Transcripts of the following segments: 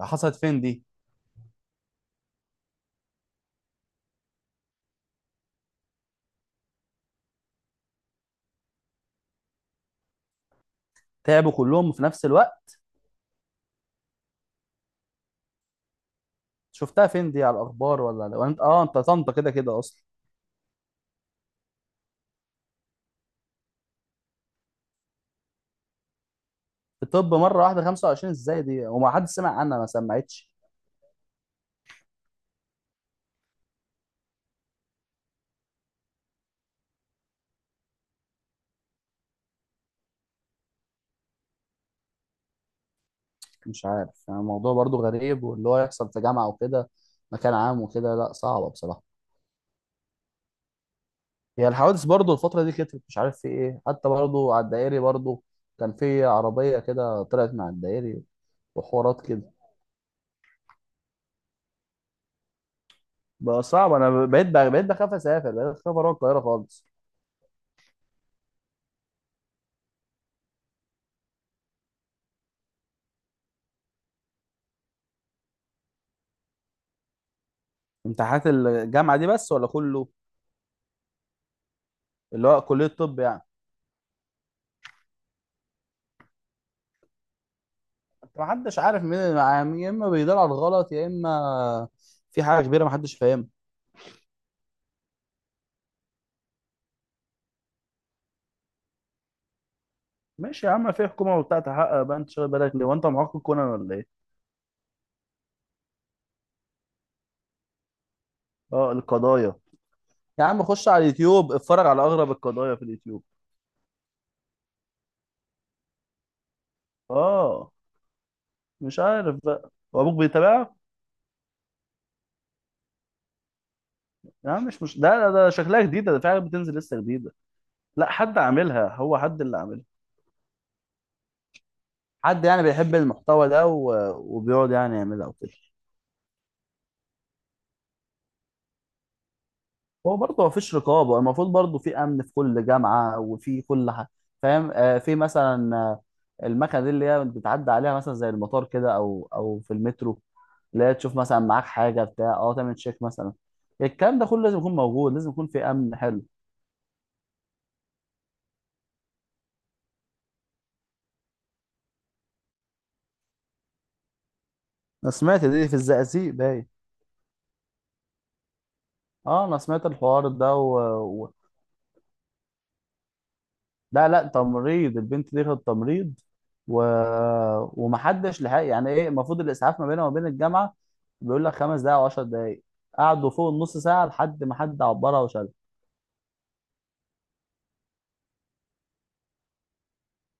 حصلت فين دي؟ تعبوا كلهم في نفس الوقت؟ شفتها فين دي على الاخبار ولا انت، اه انت طنطا كده كده اصلا. الطب مره واحده 25 ازاي دي؟ وما حد سمع عنها؟ ما سمعتش. مش عارف يعني، الموضوع برضو غريب، واللي هو يحصل في جامعه وكده، مكان عام وكده، لا صعبه بصراحه. هي الحوادث برضو الفتره دي كترت، مش عارف في ايه، حتى برضو على الدائري برضو كان في عربيه كده طلعت مع الدائري وحوارات كده. بقى صعب، انا بقيت بخاف اسافر، بقيت بخاف اروح القاهره خالص. امتحانات الجامعه دي بس ولا كله؟ اللي هو كلية طب يعني. محدش عارف مين اللي معاه، يا اما بيدور على الغلط يا اما في حاجة كبيرة محدش فاهمها. ماشي يا عم، في حكومة وبتاع تحقق. بقى انت شغال بالك ليه وانت معاق كونان ولا ايه؟ اه، القضايا. يا عم خش على اليوتيوب، اتفرج على اغرب القضايا في اليوتيوب. اه، مش عارف بقى. وابوك بيتابعك؟ يا عم مش ده، شكلها جديدة، ده في حاجة بتنزل لسه جديدة. لا، حد عاملها، هو حد اللي عاملها. حد يعني بيحب المحتوى ده و... وبيقعد يعني يعملها وكده. هو برضه مفيش رقابة، المفروض برضه في أمن في كل جامعة وفي كل حاجة. فاهم؟ آه في مثلا المكنة دي اللي هي بتعدي عليها مثلا زي المطار كده أو في المترو، اللي هي تشوف مثلا معاك حاجة بتاع، أه تعمل تشيك مثلا. الكلام ده كله لازم يكون موجود، لازم يكون في أمن حلو. أنا سمعت دي في الزقازيق باين. أه أنا سمعت الحوار ده و... لا لا، تمريض، البنت دي خدت تمريض و... ومحدش لحق. يعني ايه، المفروض الاسعاف ما بينها وما بين الجامعه بيقول لك 5 دقائق وعشر دقائق. قعدوا فوق النص ساعه لحد ما حد عبرها وشالها.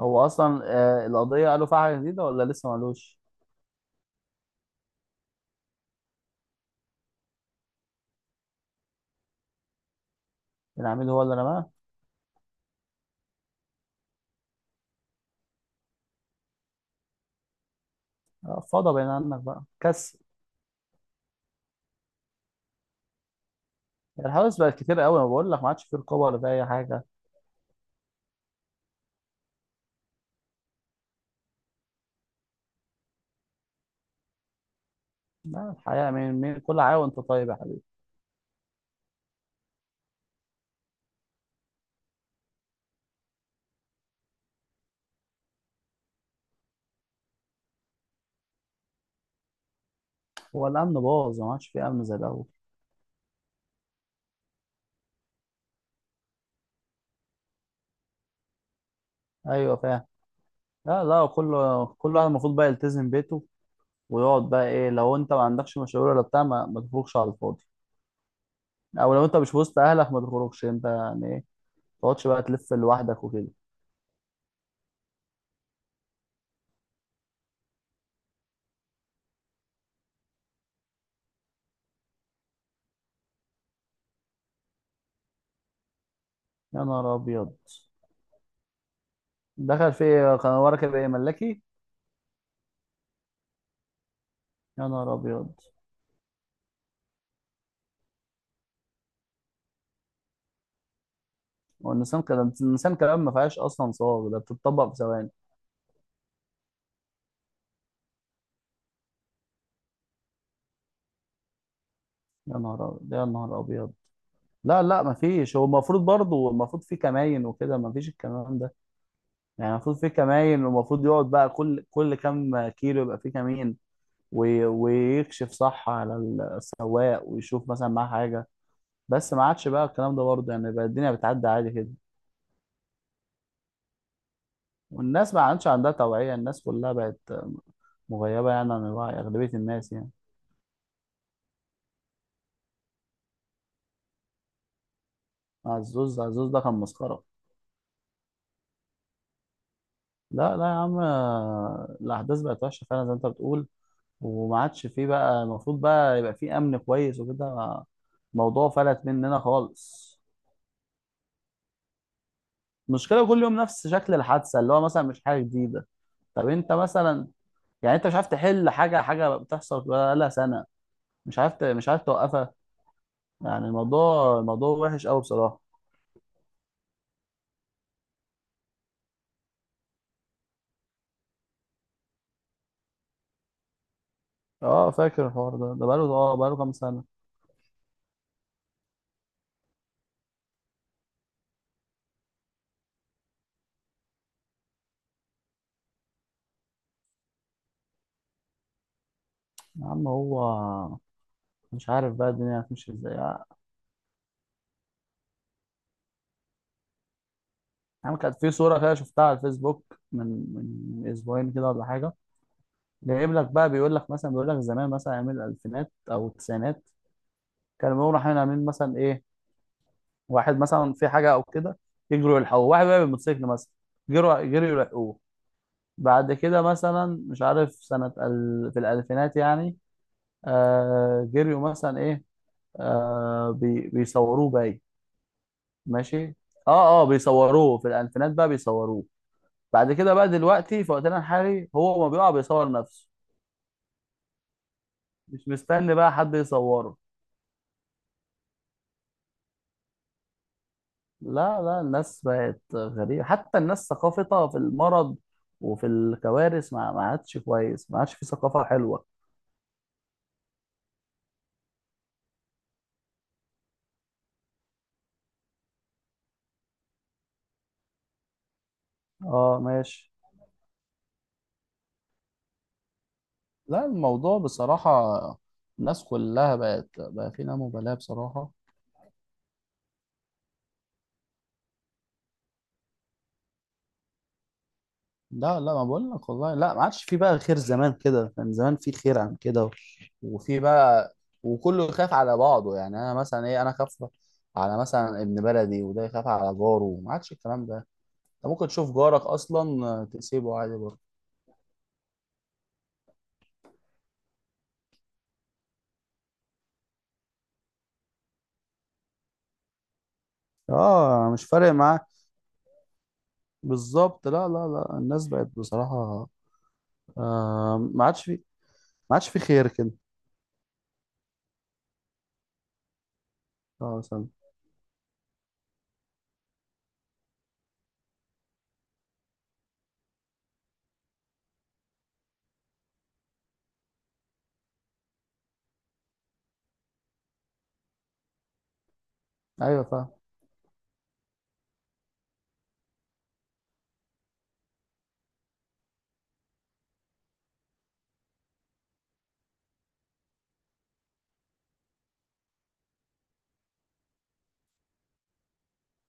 هو اصلا آه القضيه قالوا فيها حاجه جديده ولا لسه ما قالوش؟ العميد هو اللي رماها؟ فضى بين عنك بقى كسر. الحوادث بقت كتير قوي، انا بقول لك ما عادش في رقابه ولا في اي حاجه. لا الحقيقه، مين كل حاجه، وانت طيب يا حبيبي. هو الامن باظ، ما عادش في امن زي الاول. ايوه فاهم. لا لا، كل واحد المفروض بقى يلتزم بيته ويقعد بقى. ايه لو انت ما عندكش مشاوير ولا بتاع؟ ما تخرجش على الفاضي. او لو انت مش وسط اهلك ما تخرجش، انت يعني ايه، ما تقعدش بقى تلف لوحدك وكده. يا نهار ابيض. دخل في ايه؟ كان ورا كده ايه؟ ملاكي؟ يا نهار ابيض. هو النسان كده، النسان كلام ما فيهاش اصلا صواب، ده بتطبق في ثواني. يا نهار ابيض، يا نهار ابيض. لا لا ما فيش، هو المفروض برضه المفروض في كماين وكده، ما فيش الكلام ده. يعني المفروض في كماين، والمفروض يقعد بقى كل كام كيلو يبقى في كمين ويكشف صح على السواق، ويشوف مثلا معاه حاجة. بس ما عادش بقى الكلام ده برضه، يعني بقى الدنيا بتعدي عادي كده. والناس ما عادش عندها توعية، الناس كلها بقت مغيبة يعني عن الوعي، أغلبية الناس يعني. عزوز، عزوز ده كان مسخرة. لا لا يا عم، الأحداث بقت وحشة فعلا زي ما أنت بتقول، وما عادش فيه بقى، المفروض بقى يبقى فيه أمن كويس وكده. الموضوع فلت مننا خالص. المشكلة كل يوم نفس شكل الحادثة، اللي هو مثلا مش حاجة جديدة. طب أنت مثلا، يعني انت مش عارف تحل حاجه، حاجه بتحصل بقالها سنه، مش عارف مش عارف توقفها. يعني الموضوع وحش قوي بصراحه. اه فاكر الحوار ده، ده بقاله اه بقاله كام سنه. يا عم هو، مش عارف بقى الدنيا هتمشي ازاي. يا عم كانت في صوره كده شفتها على الفيسبوك من من اسبوعين كده ولا حاجه. جايب لك بقى بيقول لك مثلا، بيقول لك زمان مثلا ايام الالفينات او التسعينات كانوا بيقولوا رايحين عاملين مثلا ايه، واحد مثلا في حاجه او كده يجروا يلحقوه، واحد بقى بالموتوسيكل مثلا جروا جروا يلحقوه. بعد كده مثلا مش عارف سنة ال... في الألفينات يعني، آه جريوا مثلا إيه، آه بيصوروه باي. ماشي. اه اه بيصوروه في الألفينات بقى بيصوروه. بعد كده بقى دلوقتي في وقتنا الحالي، هو ما بيقع بيصور نفسه، مش مستني بقى حد يصوره. لا لا، الناس بقت غريبة، حتى الناس ثقافتها في المرض وفي الكوارث ما عادش كويس، ما عادش في ثقافة حلوة. اه ماشي. لا الموضوع بصراحة، الناس كلها بقت بقى في لا مبالاة بصراحة. لا لا، ما بقول لك والله، لا ما عادش في بقى خير، زمان كده كان زمان في خير عن كده وفي بقى، وكله يخاف على بعضه، يعني انا مثلا ايه، انا خاف على مثلا ابن بلدي، وده يخاف على جاره، ما عادش الكلام ده. انت ممكن تشوف جارك اصلا تسيبه عادي برضه. اه مش فارق معاه. بالظبط، لا لا لا، الناس بقت بصراحة ما عادش في، ما عادش في خير كده. اه سلام. ايوه فاهم.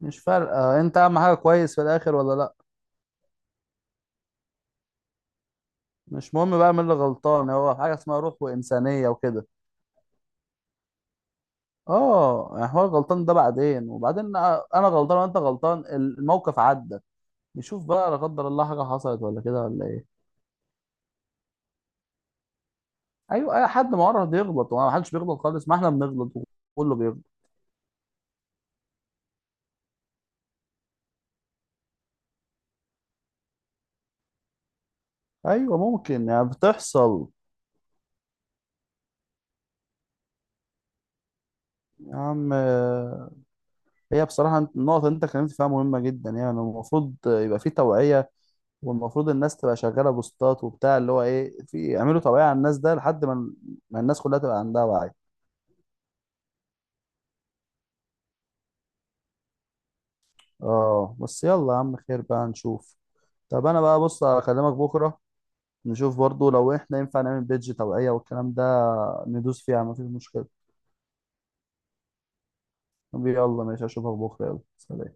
مش فارقة، انت اهم حاجة كويس في الاخر ولا لا؟ مش مهم بقى مين اللي غلطان، هو حاجة اسمها روح وانسانية وكده. اه يعني هو الغلطان ده بعدين، وبعدين انا غلطان وانت غلطان، الموقف عدى. نشوف بقى لا قدر الله حاجة حصلت ولا كده ولا ايه. ايوه، اي حد معرض يغلط، وما حدش بيغلط خالص، ما احنا بنغلط وكله بيغلط. ايوه ممكن، يعني بتحصل. يا عم هي بصراحة النقطة اللي انت اتكلمت فيها مهمة جدا، يعني المفروض يبقى في توعية، والمفروض الناس تبقى شغاله بوستات وبتاع، اللي هو ايه، في يعملوا توعيه على الناس ده لحد ما ما الناس كلها تبقى عندها وعي. اه بس يلا يا عم، خير بقى نشوف. طب انا بقى بص هكلمك بكره، نشوف برضو لو احنا ينفع نعمل بيدج توعيه والكلام ده، ندوس فيها مفيش مشكله. طب يلا ماشي، اشوفك بكره، يلا سلام.